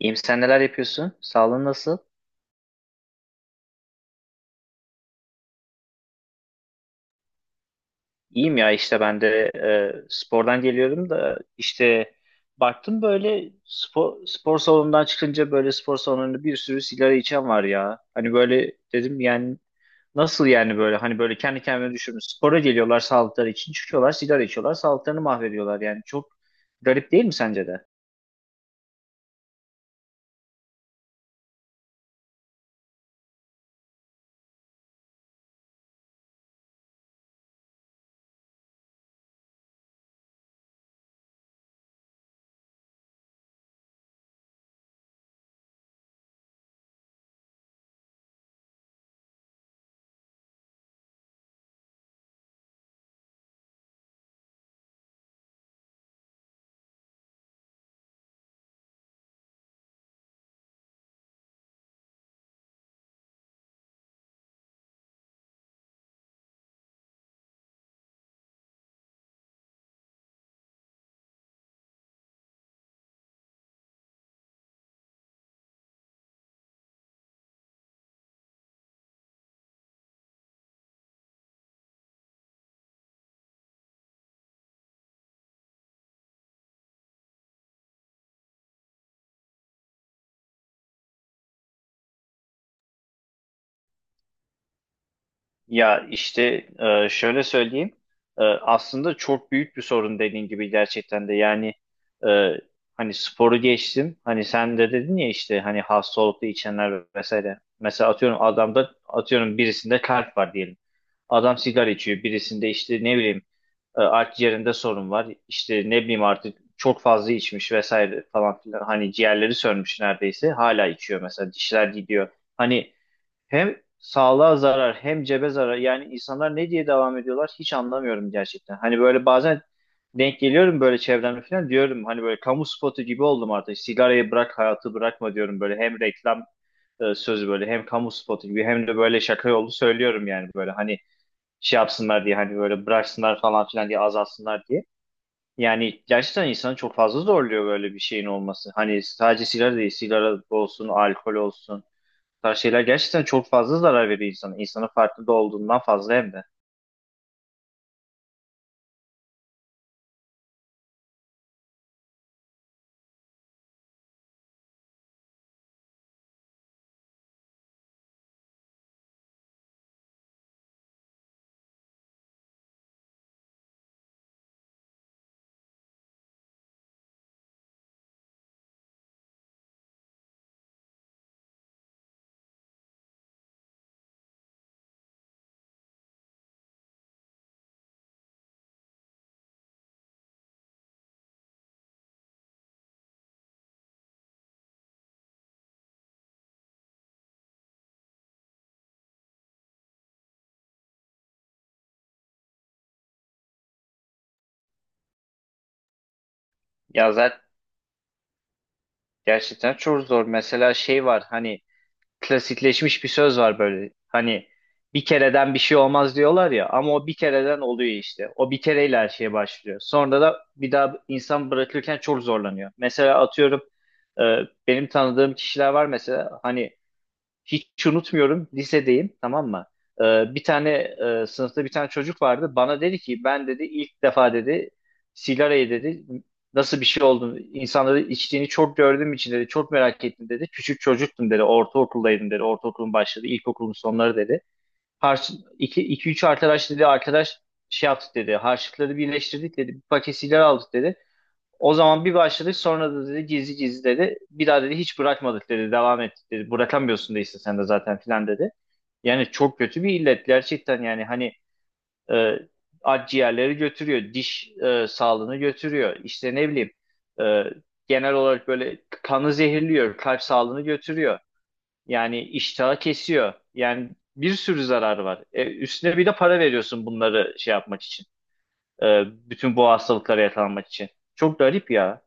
İyiyim, sen neler yapıyorsun? Sağlığın nasıl? İyiyim ya, işte ben de spordan geliyorum da işte baktım, böyle spor salonundan çıkınca böyle spor salonunda bir sürü sigara içen var ya. Hani böyle dedim, yani nasıl yani, böyle hani böyle kendi kendime düşündüm. Spora geliyorlar sağlıkları için, çıkıyorlar sigara içiyorlar, sağlıklarını mahvediyorlar. Yani çok garip değil mi sence de? Ya işte, şöyle söyleyeyim. Aslında çok büyük bir sorun, dediğin gibi, gerçekten de yani. e, Hani sporu geçtim. Hani sen de dedin ya, işte hani hastalıklı içenler vesaire. Mesela atıyorum adamda, atıyorum birisinde kalp var diyelim. Adam sigara içiyor. Birisinde işte ne bileyim, akciğerinde sorun var. İşte ne bileyim, artık çok fazla içmiş vesaire falan filan. Hani ciğerleri sönmüş neredeyse. Hala içiyor mesela. Dişler gidiyor. Hani hem sağlığa zarar, hem cebe zarar. Yani insanlar ne diye devam ediyorlar hiç anlamıyorum gerçekten. Hani böyle bazen denk geliyorum böyle çevremde falan, diyorum hani böyle kamu spotu gibi oldum artık. Sigarayı bırak, hayatı bırakma diyorum böyle. Hem reklam sözü böyle, hem kamu spotu gibi, hem de böyle şaka yolu söylüyorum, yani böyle hani şey yapsınlar diye, hani böyle bıraksınlar falan filan diye, azalsınlar diye. Yani gerçekten insanı çok fazla zorluyor böyle bir şeyin olması. Hani sadece sigara değil, sigara olsun, alkol olsun, tarz şeyler gerçekten çok fazla zarar veriyor insana. İnsanın farkında olduğundan fazla hem de. Ya zaten gerçekten çok zor. Mesela şey var, hani klasikleşmiş bir söz var böyle. Hani bir kereden bir şey olmaz diyorlar ya, ama o bir kereden oluyor işte. O bir kereyle her şeye başlıyor. Sonra da bir daha insan bırakırken çok zorlanıyor. Mesela atıyorum, e, benim tanıdığım kişiler var mesela, hani hiç unutmuyorum lisedeyim, tamam mı? Bir tane sınıfta bir tane çocuk vardı. Bana dedi ki, ben dedi ilk defa dedi sigarayı dedi nasıl bir şey olduğunu, insanları içtiğini çok gördüğüm için dedi çok merak ettim dedi. Küçük çocuktum dedi, ortaokuldaydım dedi, ortaokulun başladı ilkokulun sonları dedi. Harç, iki, iki üç arkadaş dedi, arkadaş şey yaptık dedi, harçlıkları birleştirdik dedi, bir paket sigara aldık dedi. O zaman bir başladık sonra da dedi gizli gizli dedi. Bir daha dedi hiç bırakmadık dedi. Devam ettik dedi. Bırakamıyorsun da işte sen de zaten filan dedi. Yani çok kötü bir illet gerçekten, yani hani e, akciğerleri götürüyor, diş sağlığını götürüyor. İşte ne bileyim, e, genel olarak böyle kanı zehirliyor, kalp sağlığını götürüyor. Yani iştahı kesiyor. Yani bir sürü zararı var. E, üstüne bir de para veriyorsun bunları şey yapmak için. E, Bütün bu hastalıklara yakalanmak için. Çok garip ya.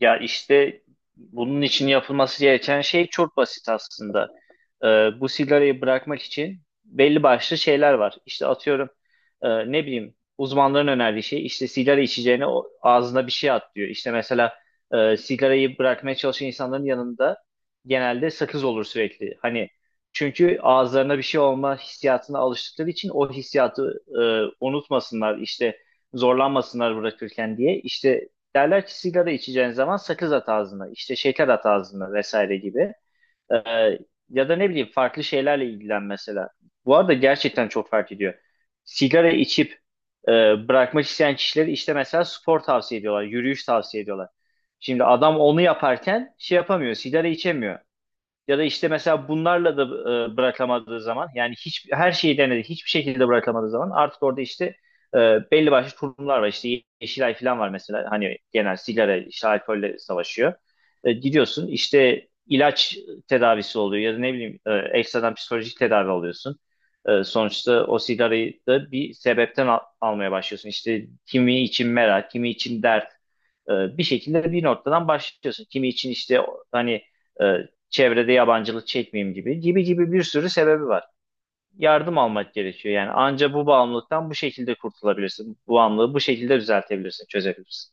Ya işte bunun için yapılması gereken şey çok basit aslında. Ee, Bu sigarayı bırakmak için belli başlı şeyler var. İşte atıyorum, ne bileyim, uzmanların önerdiği şey, işte sigara içeceğine ağzına bir şey at diyor. İşte mesela sigarayı bırakmaya çalışan insanların yanında genelde sakız olur sürekli. Hani çünkü ağızlarına bir şey olma hissiyatına alıştıkları için o hissiyatı unutmasınlar işte, zorlanmasınlar bırakırken diye. İşte derler ki sigara içeceğin zaman sakız at ağzına, işte şeker at ağzına vesaire gibi. Ee, Ya da ne bileyim, farklı şeylerle ilgilen mesela. Bu arada gerçekten çok fark ediyor. Sigara içip e, bırakmak isteyen kişileri, işte mesela spor tavsiye ediyorlar, yürüyüş tavsiye ediyorlar. Şimdi adam onu yaparken şey yapamıyor, sigara içemiyor. Ya da işte mesela bunlarla da bırakamadığı zaman, yani hiç her şeyi denedi hiçbir şekilde bırakamadığı zaman, artık orada işte e, belli başlı kurumlar var, işte Yeşilay falan var mesela, hani genel sigara işte alkolle savaşıyor. E, gidiyorsun işte ilaç tedavisi oluyor, ya da ne bileyim, ekstradan psikolojik tedavi alıyorsun. E, sonuçta o sigarayı da bir sebepten almaya başlıyorsun. İşte kimi için merak, kimi için dert. E, bir şekilde bir noktadan başlıyorsun. Kimi için işte hani e, çevrede yabancılık çekmeyeyim gibi gibi gibi, bir sürü sebebi var. Yardım almak gerekiyor yani, anca bu bağımlılıktan bu şekilde kurtulabilirsin. Bu bağımlılığı bu şekilde düzeltebilirsin, çözebilirsin.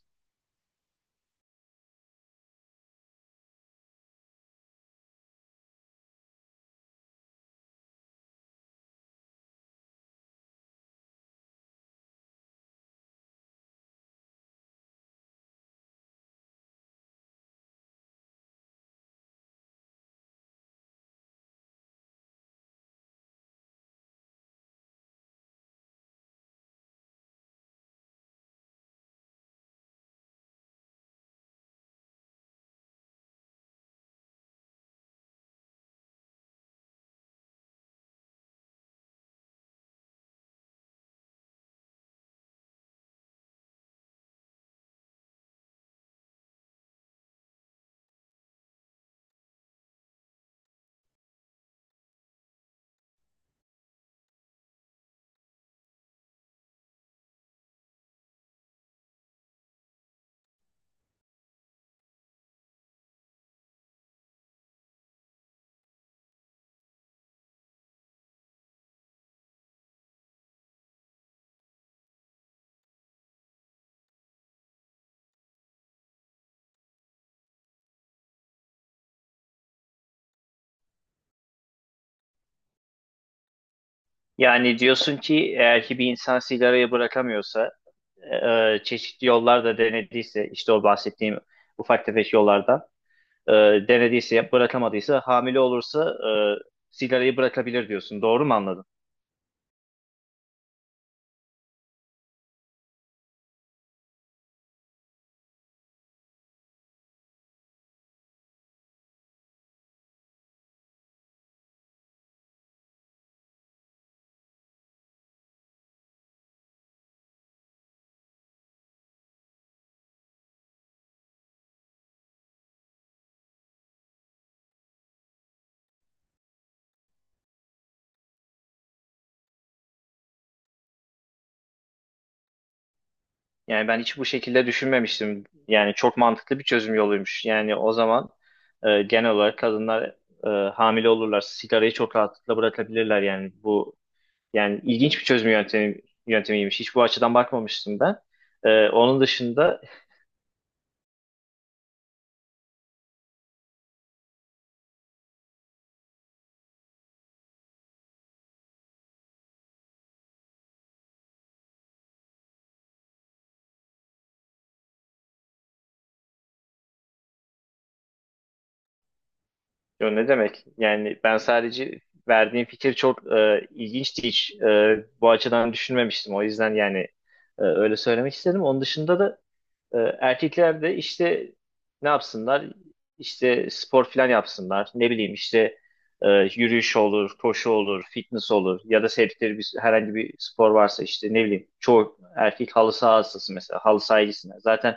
Yani diyorsun ki eğer ki bir insan sigarayı bırakamıyorsa, e, çeşitli yollar da denediyse, işte o bahsettiğim ufak tefek yollardan e, denediyse, bırakamadıysa, hamile olursa e, sigarayı bırakabilir diyorsun. Doğru mu anladım? Yani ben hiç bu şekilde düşünmemiştim. Yani çok mantıklı bir çözüm yoluymuş. Yani o zaman genel olarak kadınlar e, hamile olurlar. Sigarayı çok rahatlıkla bırakabilirler. Yani bu, yani ilginç bir çözüm yöntemiymiş. Hiç bu açıdan bakmamıştım ben. E, onun dışında, ya ne demek? Yani ben sadece verdiğim fikir çok ilginçti. Hiç, bu açıdan düşünmemiştim. O yüzden yani öyle söylemek istedim. Onun dışında da erkekler de işte ne yapsınlar? İşte spor falan yapsınlar. Ne bileyim işte, yürüyüş olur, koşu olur, fitness olur, ya da sevdikleri bir, herhangi bir spor varsa, işte ne bileyim çoğu erkek halı saha hastası mesela, halı sahaya. Zaten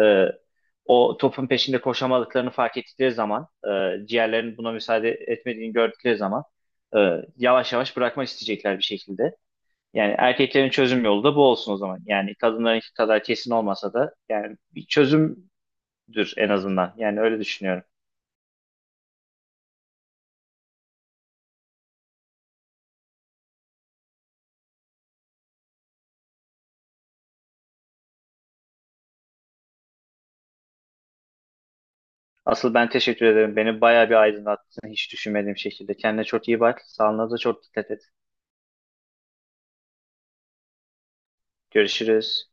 e, o topun peşinde koşamadıklarını fark ettikleri zaman, ciğerlerinin buna müsaade etmediğini gördükleri zaman, e, yavaş yavaş bırakmak isteyecekler bir şekilde. Yani erkeklerin çözüm yolu da bu olsun o zaman. Yani kadınlarınki kadar kesin olmasa da, yani bir çözümdür en azından. Yani öyle düşünüyorum. Asıl ben teşekkür ederim. Beni bayağı bir aydınlattın hiç düşünmediğim şekilde. Kendine çok iyi bak. Sağlığına da çok dikkat et. Görüşürüz.